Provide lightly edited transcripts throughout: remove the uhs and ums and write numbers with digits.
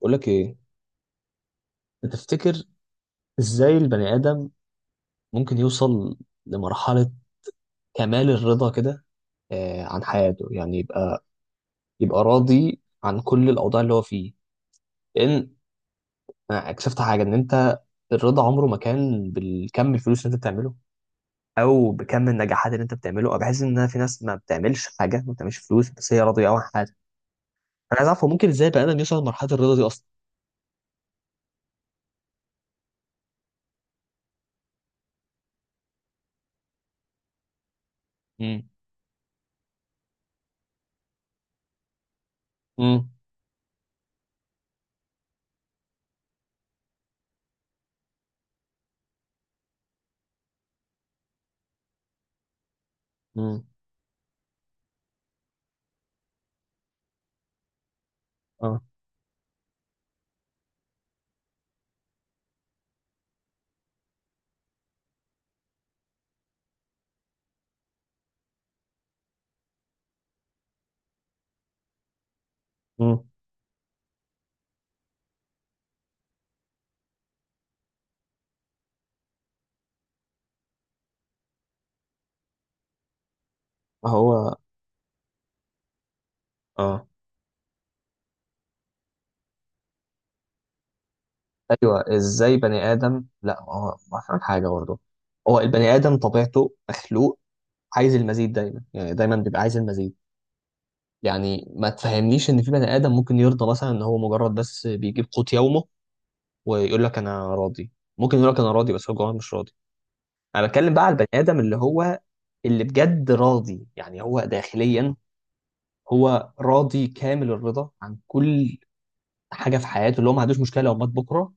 بقول لك ايه؟ تفتكر ازاي البني ادم ممكن يوصل لمرحله كمال الرضا كده؟ عن حياته، يعني يبقى راضي عن كل الاوضاع اللي هو فيه. لان انا اكتشفت حاجه، ان انت الرضا عمره ما كان بالكم الفلوس اللي انت بتعمله او بكم النجاحات اللي انت بتعمله. انا بحس ان في ناس ما بتعملش حاجه، ما بتعملش فلوس، بس هي راضيه قوي عن حياتها. انا عايز اعرف هو ممكن ازاي البني ادم يوصل لمرحله الرضا دي اصلا؟ امم امم امم اه امم هو اه، ايوه، ازاي بني ادم لا هو ما فاهم حاجه برضه. هو البني ادم طبيعته مخلوق عايز المزيد دايما، يعني دايما بيبقى عايز المزيد. يعني ما تفهمنيش ان في بني ادم ممكن يرضى مثلا، ان هو مجرد بس بيجيب قوت يومه ويقول لك انا راضي. ممكن يقول لك انا راضي بس هو جواه مش راضي. انا بتكلم بقى على البني ادم اللي هو اللي بجد راضي، يعني هو داخليا هو راضي كامل الرضا عن كل حاجه في حياته، اللي هو ما عندوش مشكله لو مات بكره،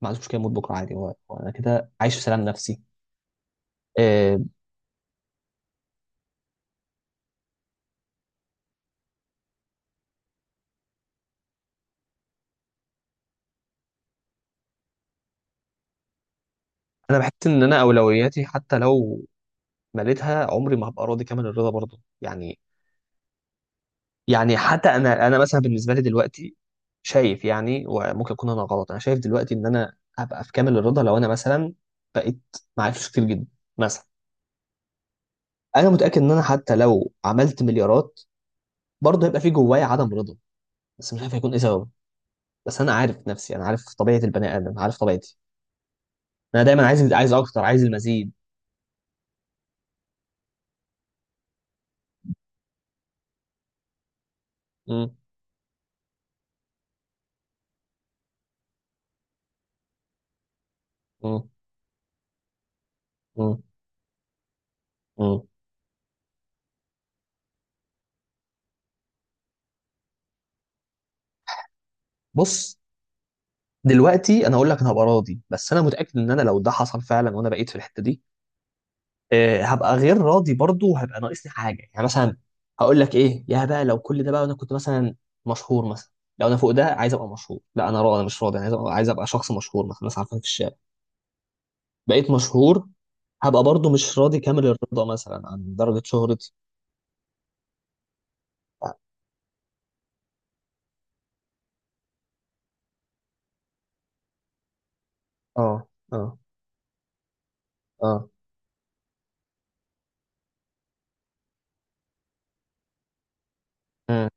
ما عندوش مشكله يموت بكره عادي، هو هو انا كده عايش في سلام نفسي. آه، انا بحس ان انا اولوياتي حتى لو مليتها عمري ما هبقى راضي كامل الرضا برضه، يعني يعني حتى انا مثلا بالنسبه لي دلوقتي شايف، يعني وممكن اكون انا غلط، انا شايف دلوقتي ان انا هبقى في كامل الرضا لو انا مثلا بقيت معايا فلوس كتير جدا مثلا. انا متاكد ان انا حتى لو عملت مليارات برضه هيبقى في جوايا عدم رضا، بس مش عارف هيكون ايه سببه. بس انا عارف نفسي، انا عارف طبيعه البني ادم، عارف طبيعتي، انا دايما عايز، عايز اكتر، عايز المزيد. م- م- م- م. بص، دلوقتي انا اقول لك انا هبقى راضي، بس انا متاكد ان انا لو ده حصل فعلا وانا بقيت في الحته دي، هبقى غير راضي برضو، وهبقى ناقصني حاجه. يعني مثلا هقول لك ايه يا بقى؟ لو كل ده بقى انا كنت مثلا مشهور مثلا، لو انا فوق ده عايز ابقى مشهور. لا انا راضي، انا مش راضي، انا عايز ابقى، عايز ابقى شخص مشهور مثلا، الناس عارفاني في الشارع. بقيت مشهور، هبقى برضو مش راضي كامل الرضا مثلا عن درجه شهرتي. اه، اه، اه، مم،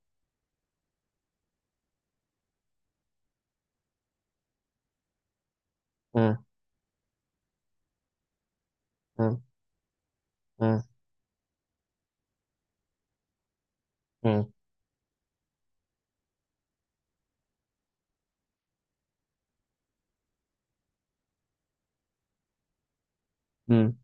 مم، مم، مم، مم، مم.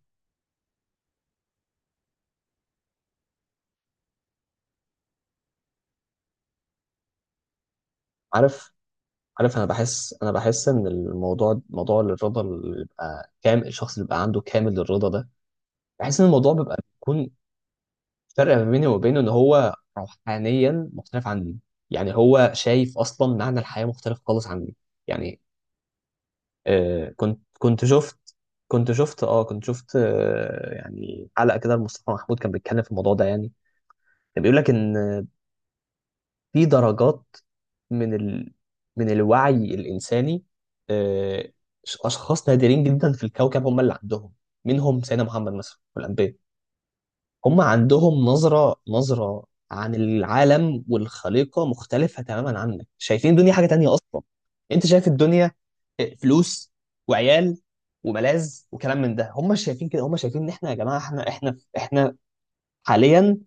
عارف، انا بحس، ان الموضوع، موضوع الرضا اللي بيبقى كامل، الشخص اللي بيبقى عنده كامل الرضا ده، بحس ان الموضوع بيبقى بيكون فرق ما بيني وبينه ان هو روحانيا مختلف عني. يعني هو شايف اصلا معنى الحياة مختلف خالص عني، يعني آه، كنت شفت، كنت شفت آه، يعني حلقة كده لمصطفى محمود كان بيتكلم في الموضوع ده. يعني كان بيقول لك ان في درجات من من الوعي الإنساني. آه، أشخاص نادرين جدا في الكوكب هم اللي عندهم، منهم سيدنا محمد مثلا والأنبياء. هم عندهم نظرة عن العالم والخليقة مختلفة تماما عنك، شايفين الدنيا حاجة تانية أصلا. أنت شايف الدنيا آه، فلوس وعيال وملاذ وكلام من ده. هم مش شايفين كده، هم شايفين إن إحنا يا جماعة، إحنا حاليا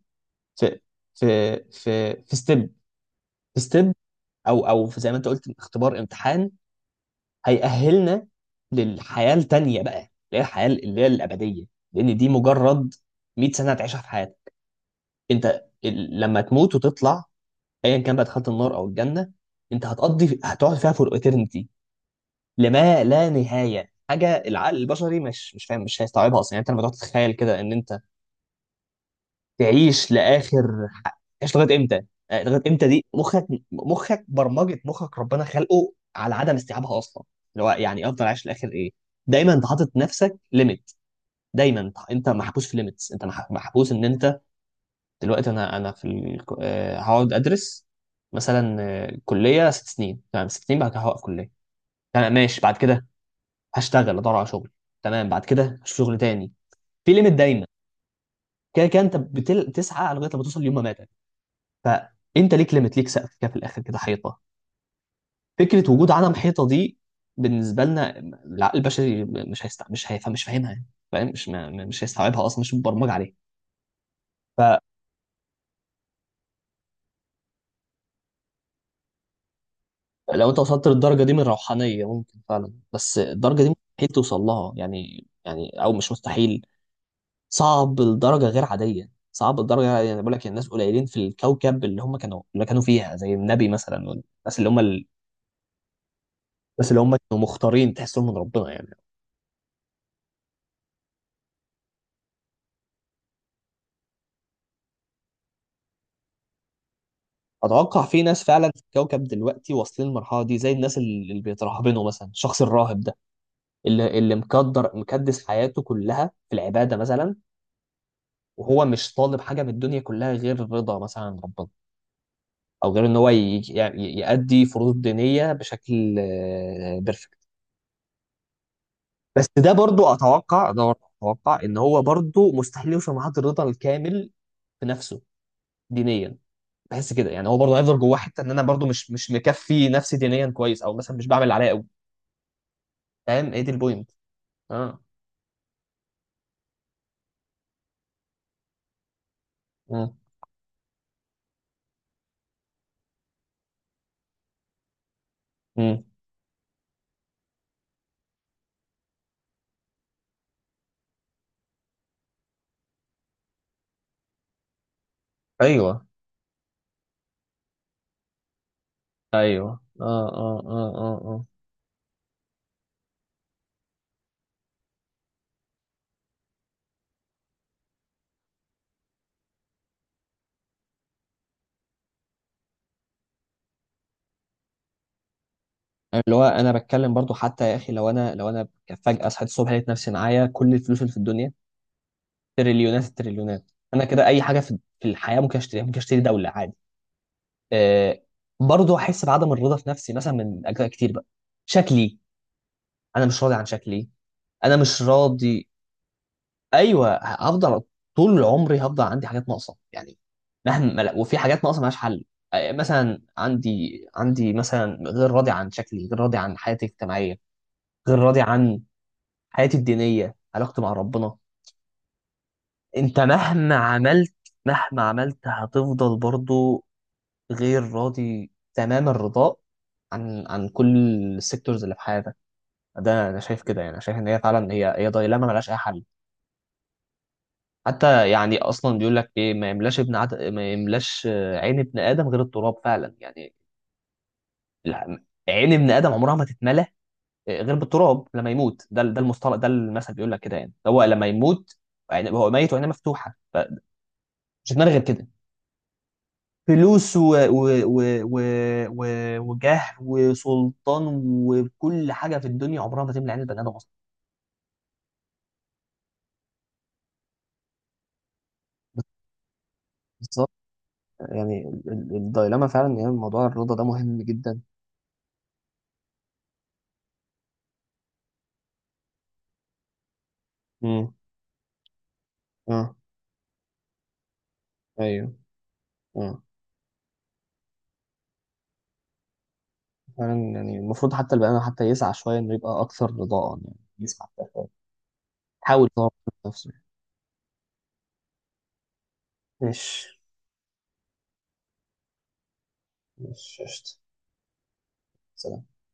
في، في في ستيب، زي ما انت قلت اختبار، امتحان هيأهلنا للحياه التانيه بقى، اللي هي الحياه اللي هي الابديه. لان دي مجرد 100 سنه هتعيشها في حياتك. انت لما تموت وتطلع، ايا كان بقى دخلت النار او الجنه، انت هتقضي، هتقعد فيها فور eternity، لما لا نهايه. حاجه العقل البشري مش فاهم، مش هيستوعبها اصلا. يعني انت لما تقعد تتخيل كده ان انت تعيش لاخر حق، تعيش لغايه امتى؟ آه، لغايه امتى دي مخك، برمجه مخك ربنا خلقه على عدم استيعابها اصلا. اللي هو يعني افضل عايش لاخر ايه؟ دايما انت حاطط نفسك ليميت، دايما انت، أنت محبوس في ليميتس، انت محبوس ان انت، دلوقتي انا، آه، هقعد ادرس مثلا آه، كليه ست سنين تمام، ست سنين بعد كده هوقف كليه تمام، ماشي، بعد كده هشتغل ادور على شغل تمام، بعد كده هشوف شغل تاني. في ليميت دايما، كده كده انت بتسعى لغايه لما توصل ليوم ما ماتك. فانت ليك ليميت، ليك سقف كده في الاخر، كده حيطه. فكره وجود عدم حيطه دي بالنسبه لنا، العقل البشري مش هيفهم، مش فاهمها يعني. فاهم، مش هيستوعبها اصلا، مش مبرمج عليه. فلو انت وصلت للدرجه دي من الروحانيه ممكن فعلا، بس الدرجه دي مستحيل توصل لها، يعني يعني او مش مستحيل، صعب لدرجه غير عاديه، صعب لدرجه غير عادية. يعني أنا بقول لك الناس قليلين في الكوكب اللي هم كانوا، اللي كانوا فيها زي النبي مثلا، والناس اللي هم الناس اللي هم كانوا مختارين تحسهم من ربنا يعني. اتوقع في ناس فعلا في الكوكب دلوقتي واصلين للمرحله دي، زي الناس اللي بيترهبنوا مثلا، الشخص الراهب ده اللي، مقدر مكدس حياته كلها في العباده مثلا، وهو مش طالب حاجه من الدنيا كلها غير رضا مثلا عن ربنا، او غير ان هو يأدي فروض دينيه بشكل بيرفكت. بس ده برضو اتوقع، ان هو برضو مستحيل يوصل لمرحله الرضا الكامل في نفسه دينيا. بحس كده يعني هو برضه هيفضل جواه حته ان انا برضه مش مكفي نفسي دينيا كويس، او مثلا مش بعمل اللي عليا قوي. فاهم ايه دي البوينت؟ اه، مم، مم، ايوه، ايوه، اه، اه، اه، اه، اه. يعني اللي هو انا بتكلم برضو حتى يا اخي، لو انا، فجأة صحيت الصبح لقيت نفسي معايا كل الفلوس اللي في الدنيا، تريليونات التريليونات، انا كده اي حاجة في في الحياة ممكن اشتريها، ممكن اشتري دولة عادي. آه، برضو احس بعدم الرضا في نفسي مثلا، من اجزاء كتير بقى. شكلي، انا مش راضي عن شكلي، انا مش راضي. ايوه، هفضل، طول عمري هفضل عندي حاجات ناقصه يعني، مهما لا- وفي حاجات ناقصه ملهاش حل. آه، مثلا عندي مثلا غير راضي عن شكلي، غير راضي عن حياتي الاجتماعيه، غير راضي عن حياتي الدينيه، علاقتي مع ربنا. انت مهما عملت، هتفضل برضو غير راضي تمام الرضاء عن، كل السيكتورز اللي في حياتك. ده انا شايف كده يعني، شايف ان هي فعلا، هي دايلاما ملهاش اي حل. حتى يعني اصلا بيقول لك ايه، ما يملاش آه، عين ابن ادم غير التراب فعلا يعني. الع- عين ابن ادم عمرها ما تتملى آه، غير بالتراب لما يموت. ده المصطلح، ده المثل بيقول لك كده. يعني هو لما يموت، يعني هو ميت وعينه مفتوحه، فمش هتملى غير كده. فلوس و... و... و... و... وجاه وسلطان وكل حاجه في الدنيا عمرها ما تملى عين البني ادم اصلا. بالظبط، يعني الدايلاما فعلا، يعني موضوع الرضا ده مهم جدا. مم، اه، ايوه، اه، فعلا. يعني المفروض حتى البني آدم حتى يسعى شوية، إنه يبقى أكثر رضاء، يعني يسعى حتى شوية يحاول يطور من نفسه. مش مش قشطة. سلام.